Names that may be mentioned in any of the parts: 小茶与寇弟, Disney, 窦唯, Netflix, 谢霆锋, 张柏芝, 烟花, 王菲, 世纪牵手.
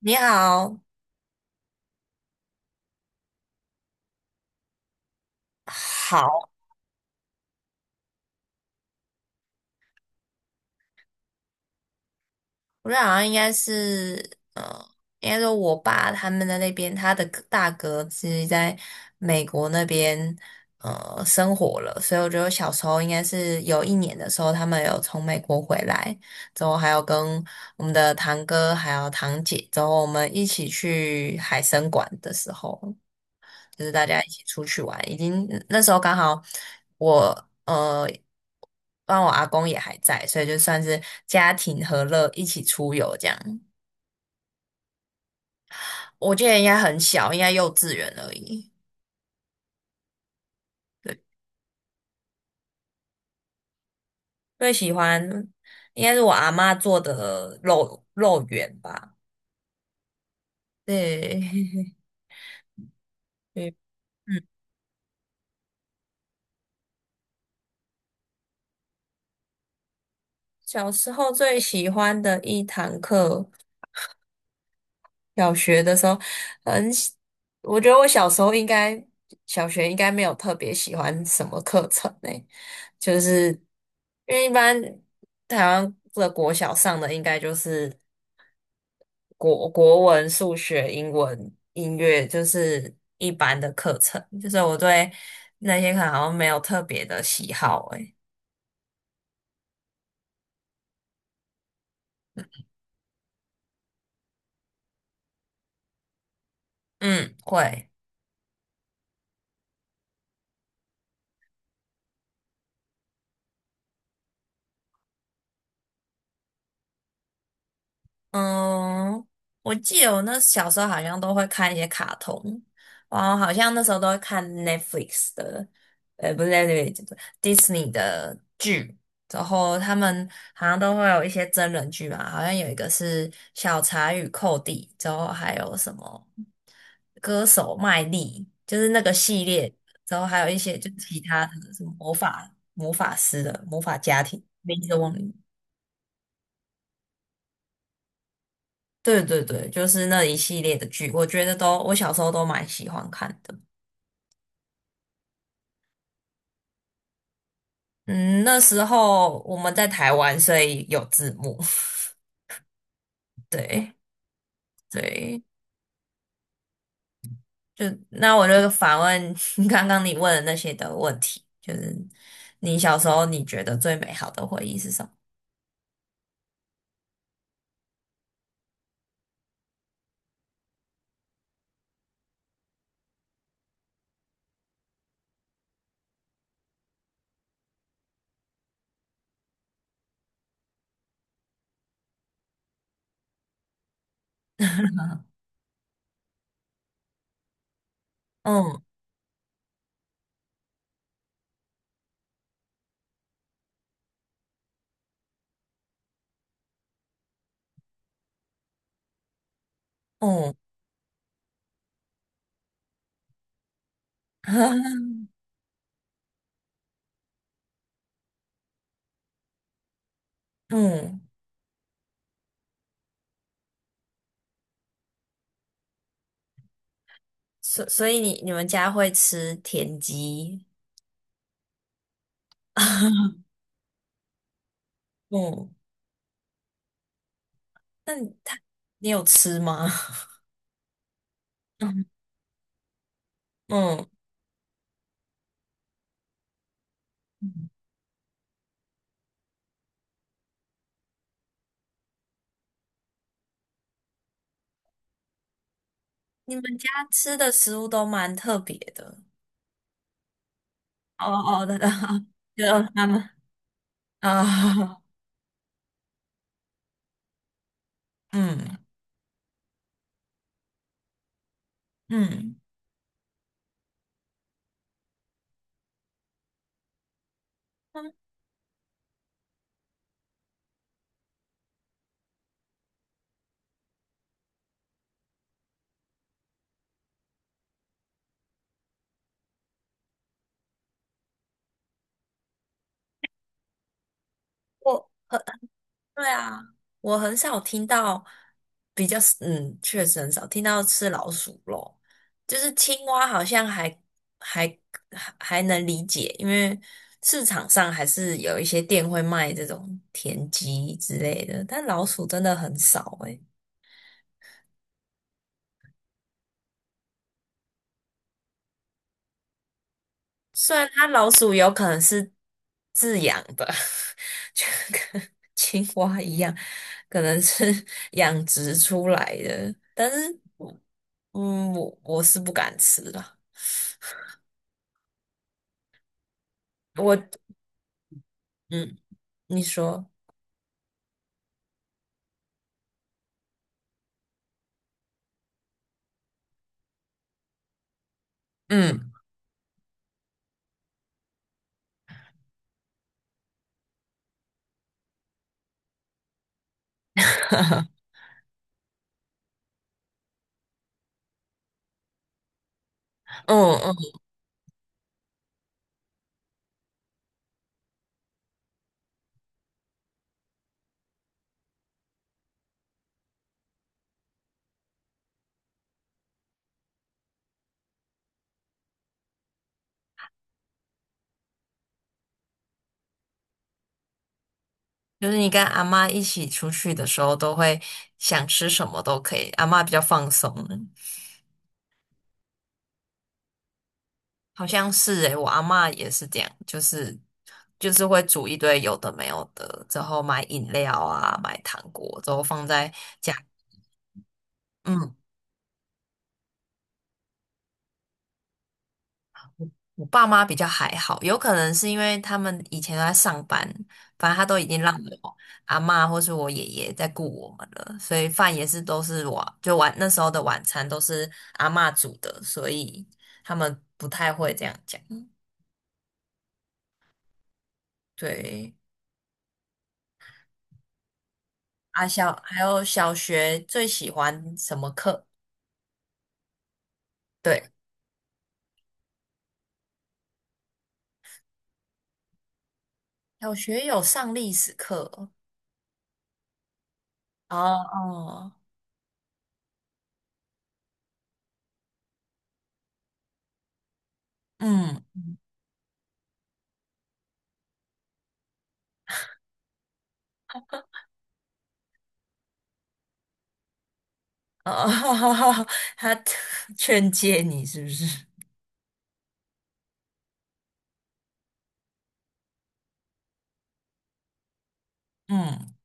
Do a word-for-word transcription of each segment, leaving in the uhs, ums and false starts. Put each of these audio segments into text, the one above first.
你好，好，我觉得好像应该是，呃，应该说我爸他们的那边，他的哥大哥是在美国那边，呃，生活了，所以我觉得我小时候应该是有一年的时候，他们有从美国回来，之后还有跟我们的堂哥还有堂姐，之后我们一起去海参馆的时候，就是大家一起出去玩，已经那时候刚好我。呃。当然我阿公也还在，所以就算是家庭和乐一起出游这样。我记得应该很小，应该幼稚园而已。对，最喜欢应该是我阿嬷做的肉肉圆吧。对，对，嗯，小时候最喜欢的一堂课。小学的时候，很喜，我觉得我小时候应该，小学应该没有特别喜欢什么课程呢、就是因为一般台湾的国小上的应该就是国国文、数学、英文、音乐，就是一般的课程，就是我对那些课好像没有特别的喜好诶、嗯，会。嗯，我记得我那小时候好像都会看一些卡通，然后好像那时候都会看 Netflix 的，呃，不是 Netflix，Disney 的剧，然后他们好像都会有一些真人剧吧，好像有一个是《小茶与寇弟》，之后还有什么歌手麦莉，就是那个系列，之后还有一些就其他的什么魔法魔法师的魔法家庭，名字忘了。对对对，就是那一系列的剧，我觉得都我小时候都蛮喜欢看的。嗯，那时候我们在台湾，所以有字幕。对对，就那我就反问 刚刚你问的那些的问题，就是你小时候你觉得最美好的回忆是什么？嗯嗯 嗯，所所以你你们家会吃田鸡？嗯，那你他你有吃吗？嗯嗯。你们家吃的食物都蛮特别的。哦哦，对的，就他们啊，嗯嗯，嗯我很对啊，我很少听到比较，嗯，确实很少听到吃老鼠肉，就是青蛙好像还还还还能理解，因为市场上还是有一些店会卖这种田鸡之类的，但老鼠真的很少诶、虽然它老鼠有可能是自养的，就跟青蛙一样，可能是 养殖出来的，但是嗯，我我是不敢吃的。我，嗯，你说，嗯，嗯嗯，就是你跟阿妈一起出去的时候，都会想吃什么都可以，阿妈比较放松。好像是诶，我阿嬷也是这样，就是就是会煮一堆有的没有的，之后买饮料啊，买糖果，之后放在家。嗯，我爸妈比较还好，有可能是因为他们以前都在上班，反正他都已经让我阿嬷或是我爷爷在顾我们了，所以饭也是都是我就晚那时候的晚餐都是阿嬷煮的，所以他们不太会这样讲。对，啊小还有小学最喜欢什么课？对，小学有上历史课哦，哦，嗯，哦，他劝诫你是不是？嗯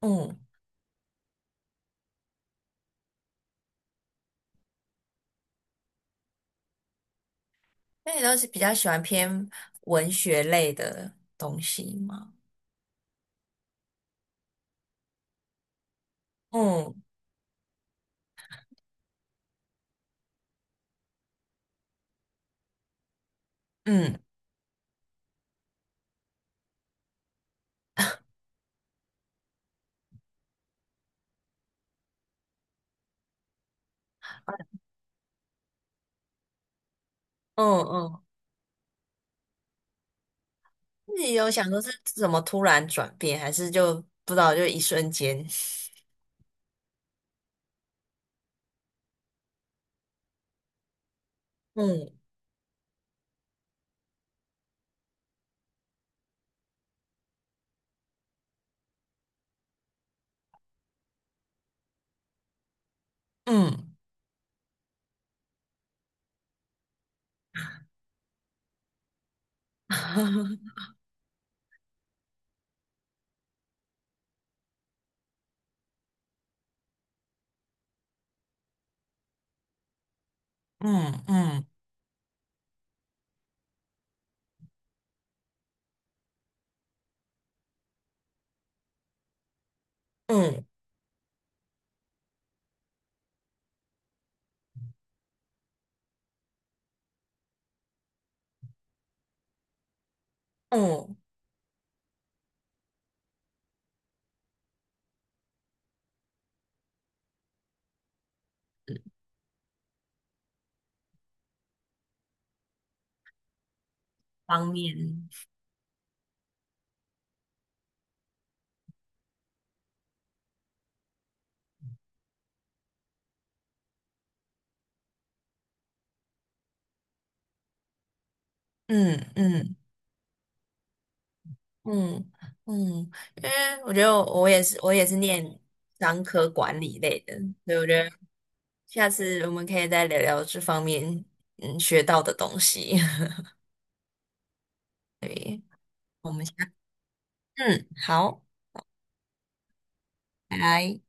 嗯，那你都是比较喜欢偏文学类的东西吗？嗯嗯嗯嗯，自己有想说是怎么突然转变，还是就不知道就一瞬间？嗯嗯 嗯嗯嗯嗯，方面，嗯嗯。嗯嗯，因为我觉得我也是，我也是念商科管理类的，所以我觉得下次我们可以再聊聊这方面嗯学到的东西。我们下，嗯，好，拜拜。